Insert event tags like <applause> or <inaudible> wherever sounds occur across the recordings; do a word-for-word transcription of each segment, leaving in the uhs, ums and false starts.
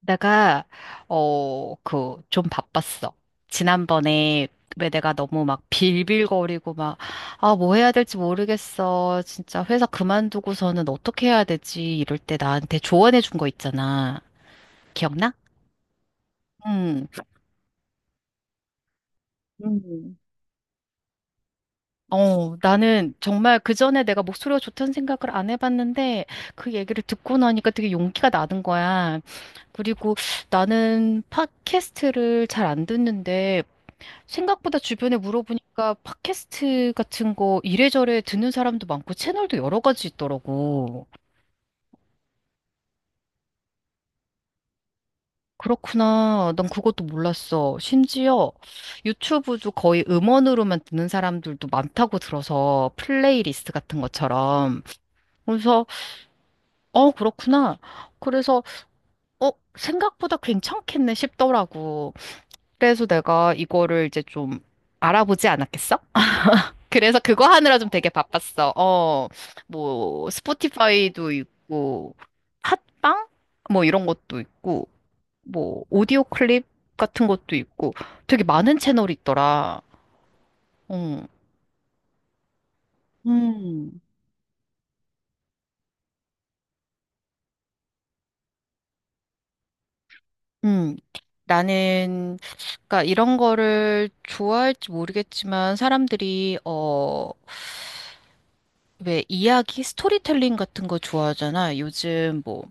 내가, 어, 그, 좀 바빴어. 지난번에, 왜 내가 너무 막 빌빌거리고 막, 아, 뭐 해야 될지 모르겠어. 진짜 회사 그만두고서는 어떻게 해야 되지? 이럴 때 나한테 조언해 준 거 있잖아. 기억나? 응. 음. 어, 나는 정말 그 전에 내가 목소리가 좋다는 생각을 안 해봤는데 그 얘기를 듣고 나니까 되게 용기가 나는 거야. 그리고 나는 팟캐스트를 잘 안 듣는데 생각보다 주변에 물어보니까 팟캐스트 같은 거 이래저래 듣는 사람도 많고 채널도 여러 가지 있더라고. 그렇구나. 난 그것도 몰랐어. 심지어 유튜브도 거의 음원으로만 듣는 사람들도 많다고 들어서 플레이리스트 같은 것처럼. 그래서, 어, 그렇구나. 그래서, 어, 생각보다 괜찮겠네 싶더라고. 그래서 내가 이거를 이제 좀 알아보지 않았겠어? 그래서 그거 하느라 좀 되게 바빴어. 어, 뭐, 스포티파이도 있고, 팟빵? 뭐 이런 것도 있고, 뭐, 오디오 클립 같은 것도 있고, 되게 많은 채널이 있더라. 응. 음. 음. 나는, 그러니까 이런 거를 좋아할지 모르겠지만, 사람들이, 어, 왜 이야기, 스토리텔링 같은 거 좋아하잖아. 요즘 뭐,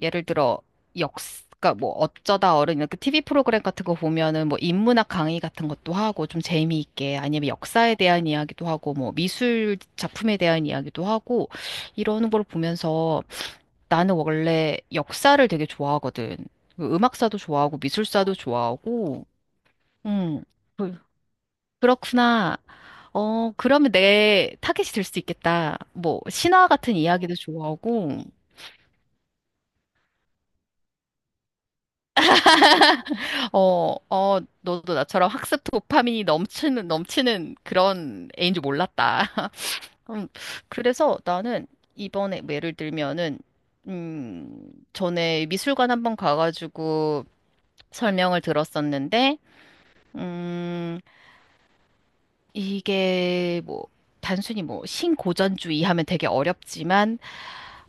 예를 들어 역, 그러니까 뭐 어쩌다 어른 이렇게 티브이 프로그램 같은 거 보면은 뭐 인문학 강의 같은 것도 하고 좀 재미있게 아니면 역사에 대한 이야기도 하고 뭐 미술 작품에 대한 이야기도 하고 이러는 걸 보면서 나는 원래 역사를 되게 좋아하거든. 그 음악사도 좋아하고 미술사도 좋아하고 음 그- 그렇구나. 어, 그러면 내 타겟이 될 수 있겠다. 뭐, 신화 같은 이야기도 좋아하고, 어, 어, 너도 나처럼 학습 도파민이 넘치는, 넘치는 그런 애인 줄 몰랐다. <laughs> 음, 그래서 나는 이번에 뭐 예를 들면은, 음, 전에 미술관 한번 가가지고 설명을 들었었는데, 음, 이게 뭐, 단순히 뭐, 신고전주의 하면 되게 어렵지만,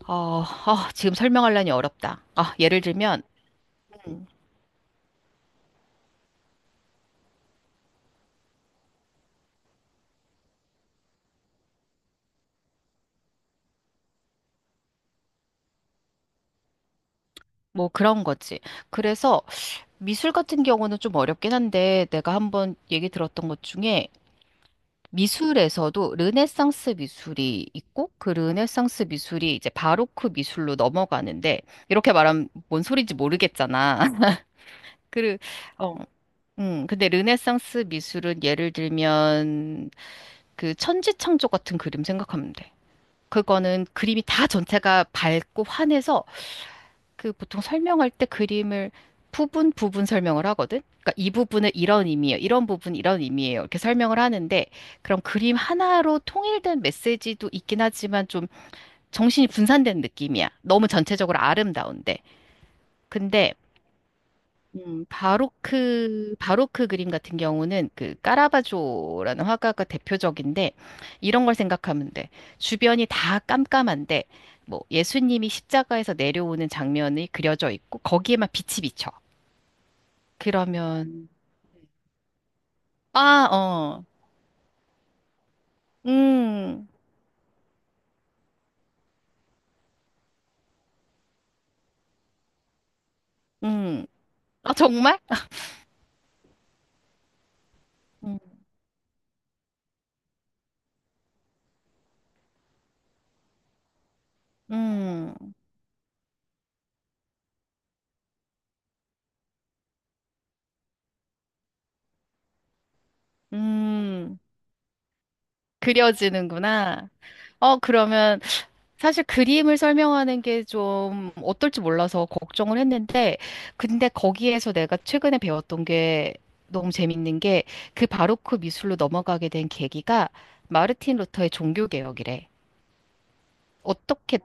어, 아, 지금 설명하려니 어렵다. 아, 예를 들면, 뭐 그런 거지. 그래서 미술 같은 경우는 좀 어렵긴 한데 내가 한번 얘기 들었던 것 중에 미술에서도 르네상스 미술이 있고 그 르네상스 미술이 이제 바로크 미술로 넘어가는데 이렇게 말하면 뭔 소리인지 모르겠잖아. <laughs> 그, 어, 음, 근데 르네상스 미술은 예를 들면 그 천지창조 같은 그림 생각하면 돼. 그거는 그림이 다 전체가 밝고 환해서 그 보통 설명할 때 그림을 부분 부분 설명을 하거든. 그러니까 이 부분은 이런 의미예요. 이런 부분 이런 의미예요. 이렇게 설명을 하는데 그럼 그림 하나로 통일된 메시지도 있긴 하지만 좀 정신이 분산된 느낌이야. 너무 전체적으로 아름다운데. 근데 음, 바로크, 바로크 그림 같은 경우는 그 까라바조라는 화가가 대표적인데 이런 걸 생각하면 돼. 주변이 다 깜깜한데 뭐 예수님이 십자가에서 내려오는 장면이 그려져 있고 거기에만 빛이 비쳐. 그러면 아, 어. 음. 음. 아, 정말? 음. 음. 음. 그려지는구나. 어, 그러면 사실 그림을 설명하는 게 좀 어떨지 몰라서 걱정을 했는데, 근데 거기에서 내가 최근에 배웠던 게 너무 재밌는 게 그 바로크 미술로 넘어가게 된 계기가 마르틴 루터의 종교개혁이래. 어떻게,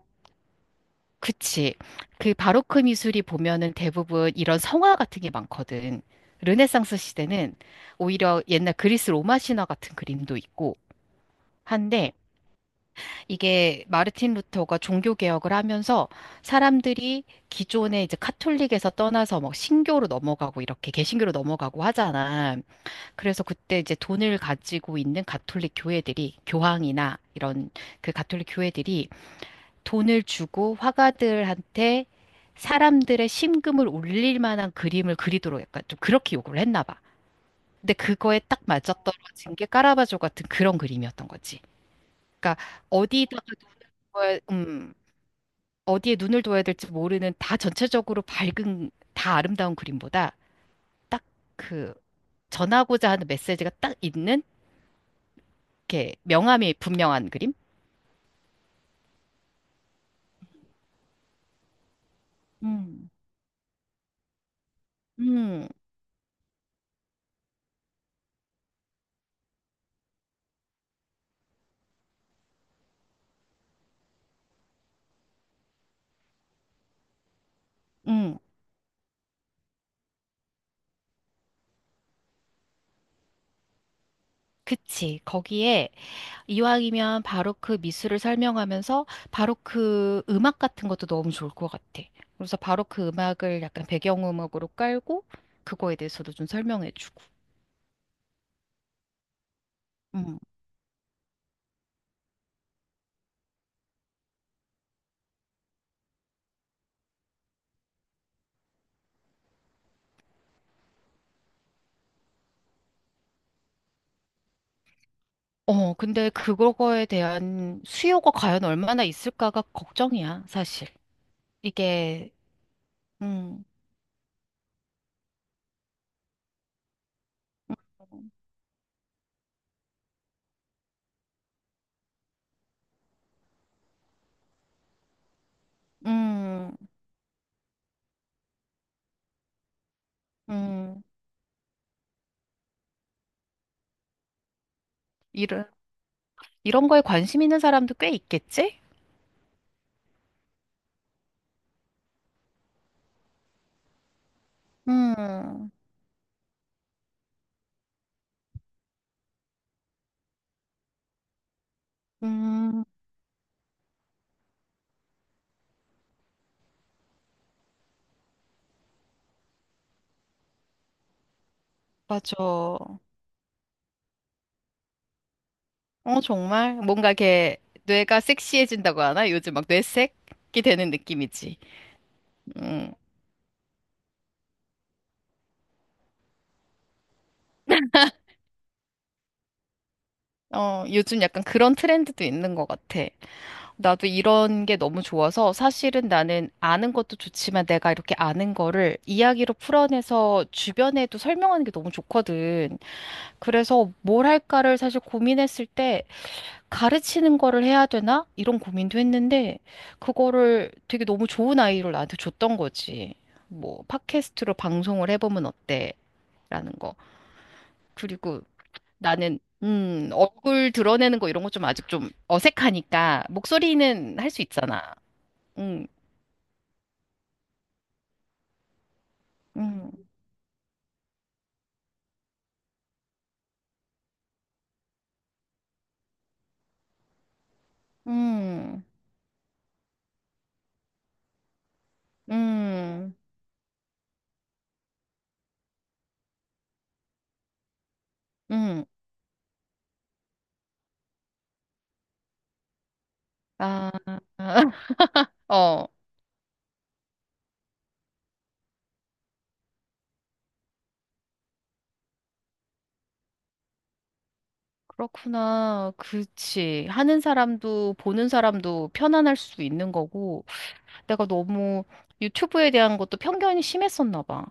그치. 그 바로크 미술이 보면은 대부분 이런 성화 같은 게 많거든. 르네상스 시대는 오히려 옛날 그리스 로마 신화 같은 그림도 있고 한데, 이게 마르틴 루터가 종교 개혁을 하면서 사람들이 기존에 이제 카톨릭에서 떠나서 막 신교로 넘어가고 이렇게 개신교로 넘어가고 하잖아. 그래서 그때 이제 돈을 가지고 있는 가톨릭 교회들이 교황이나 이런 그 가톨릭 교회들이 돈을 주고 화가들한테 사람들의 심금을 울릴 만한 그림을 그리도록 약간 좀 그렇게 요구를 했나 봐. 근데 그거에 딱 맞아떨어진 게 까라바조 같은 그런 그림이었던 거지. 그러니까 어디다가 돈을 음, 어디에 눈을 둬야 될지 모르는 다 전체적으로 밝은 다 아름다운 그림보다 딱 그 전하고자 하는 메시지가 딱 있는 이렇게 명암이 분명한 그림? 음. 음. 음. 그치. 거기에 이왕이면 바로크 미술을 설명하면서 바로크 음악 같은 것도 너무 좋을 것 같아. 그래서 바로크 음악을 약간 배경음악으로 깔고 그거에 대해서도 좀 설명해주고. 음. 어, 근데 그거에 대한 수요가 과연 얼마나 있을까가 걱정이야, 사실. 이게, 음, 음, 음, 이런, 이런 거에 관심 있는 사람도 꽤 있겠지? 음, 음, 맞아. 어, 정말? 뭔가 이렇게 뇌가 섹시해진다고 하나? 요즘 막 뇌색이 되는 느낌이지. 음, 어, 요즘 약간 그런 트렌드도 있는 것 같아. 나도 이런 게 너무 좋아서 사실은 나는 아는 것도 좋지만 내가 이렇게 아는 거를 이야기로 풀어내서 주변에도 설명하는 게 너무 좋거든. 그래서 뭘 할까를 사실 고민했을 때 가르치는 거를 해야 되나? 이런 고민도 했는데 그거를 되게 너무 좋은 아이디어를 나한테 줬던 거지. 뭐 팟캐스트로 방송을 해보면 어때? 라는 거. 그리고 나는 음, 얼굴 드러내는 거 이런 거 좀 아직 좀 어색하니까 목소리는 할 수 있잖아. 음, 음, 음, 음, 음. 아, <laughs> 어, 그렇구나. 그치. 하는 사람도 보는 사람도 편안할 수 있는 거고, 내가 너무 유튜브에 대한 것도 편견이 심했었나 봐.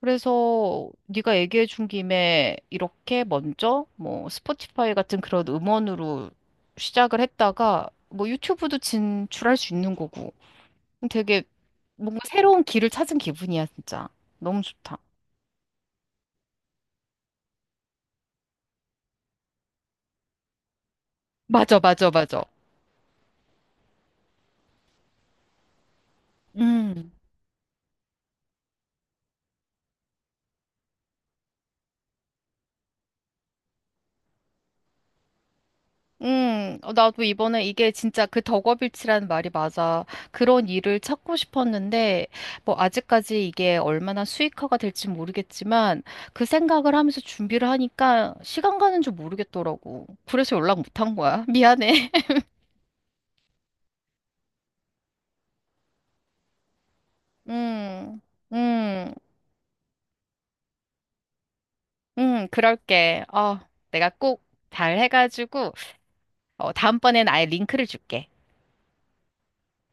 그래서 네가 얘기해 준 김에 이렇게 먼저 뭐 스포티파이 같은 그런 음원으로 시작을 했다가 뭐 유튜브도 진출할 수 있는 거고 되게 뭔가 새로운 길을 찾은 기분이야, 진짜. 너무 좋다. 맞아, 맞아, 맞아. 음, 음, 어, 나도 이번에 이게 진짜 그 덕업일치라는 말이 맞아. 그런 일을 찾고 싶었는데, 뭐, 아직까지 이게 얼마나 수익화가 될지 모르겠지만, 그 생각을 하면서 준비를 하니까 시간 가는 줄 모르겠더라고. 그래서 연락 못 한 거야. <laughs> 미안해. 음, 음, 음, 그럴게. 어, 내가 꼭 잘 해가지고, 어, 다음번엔 아예 링크를 줄게.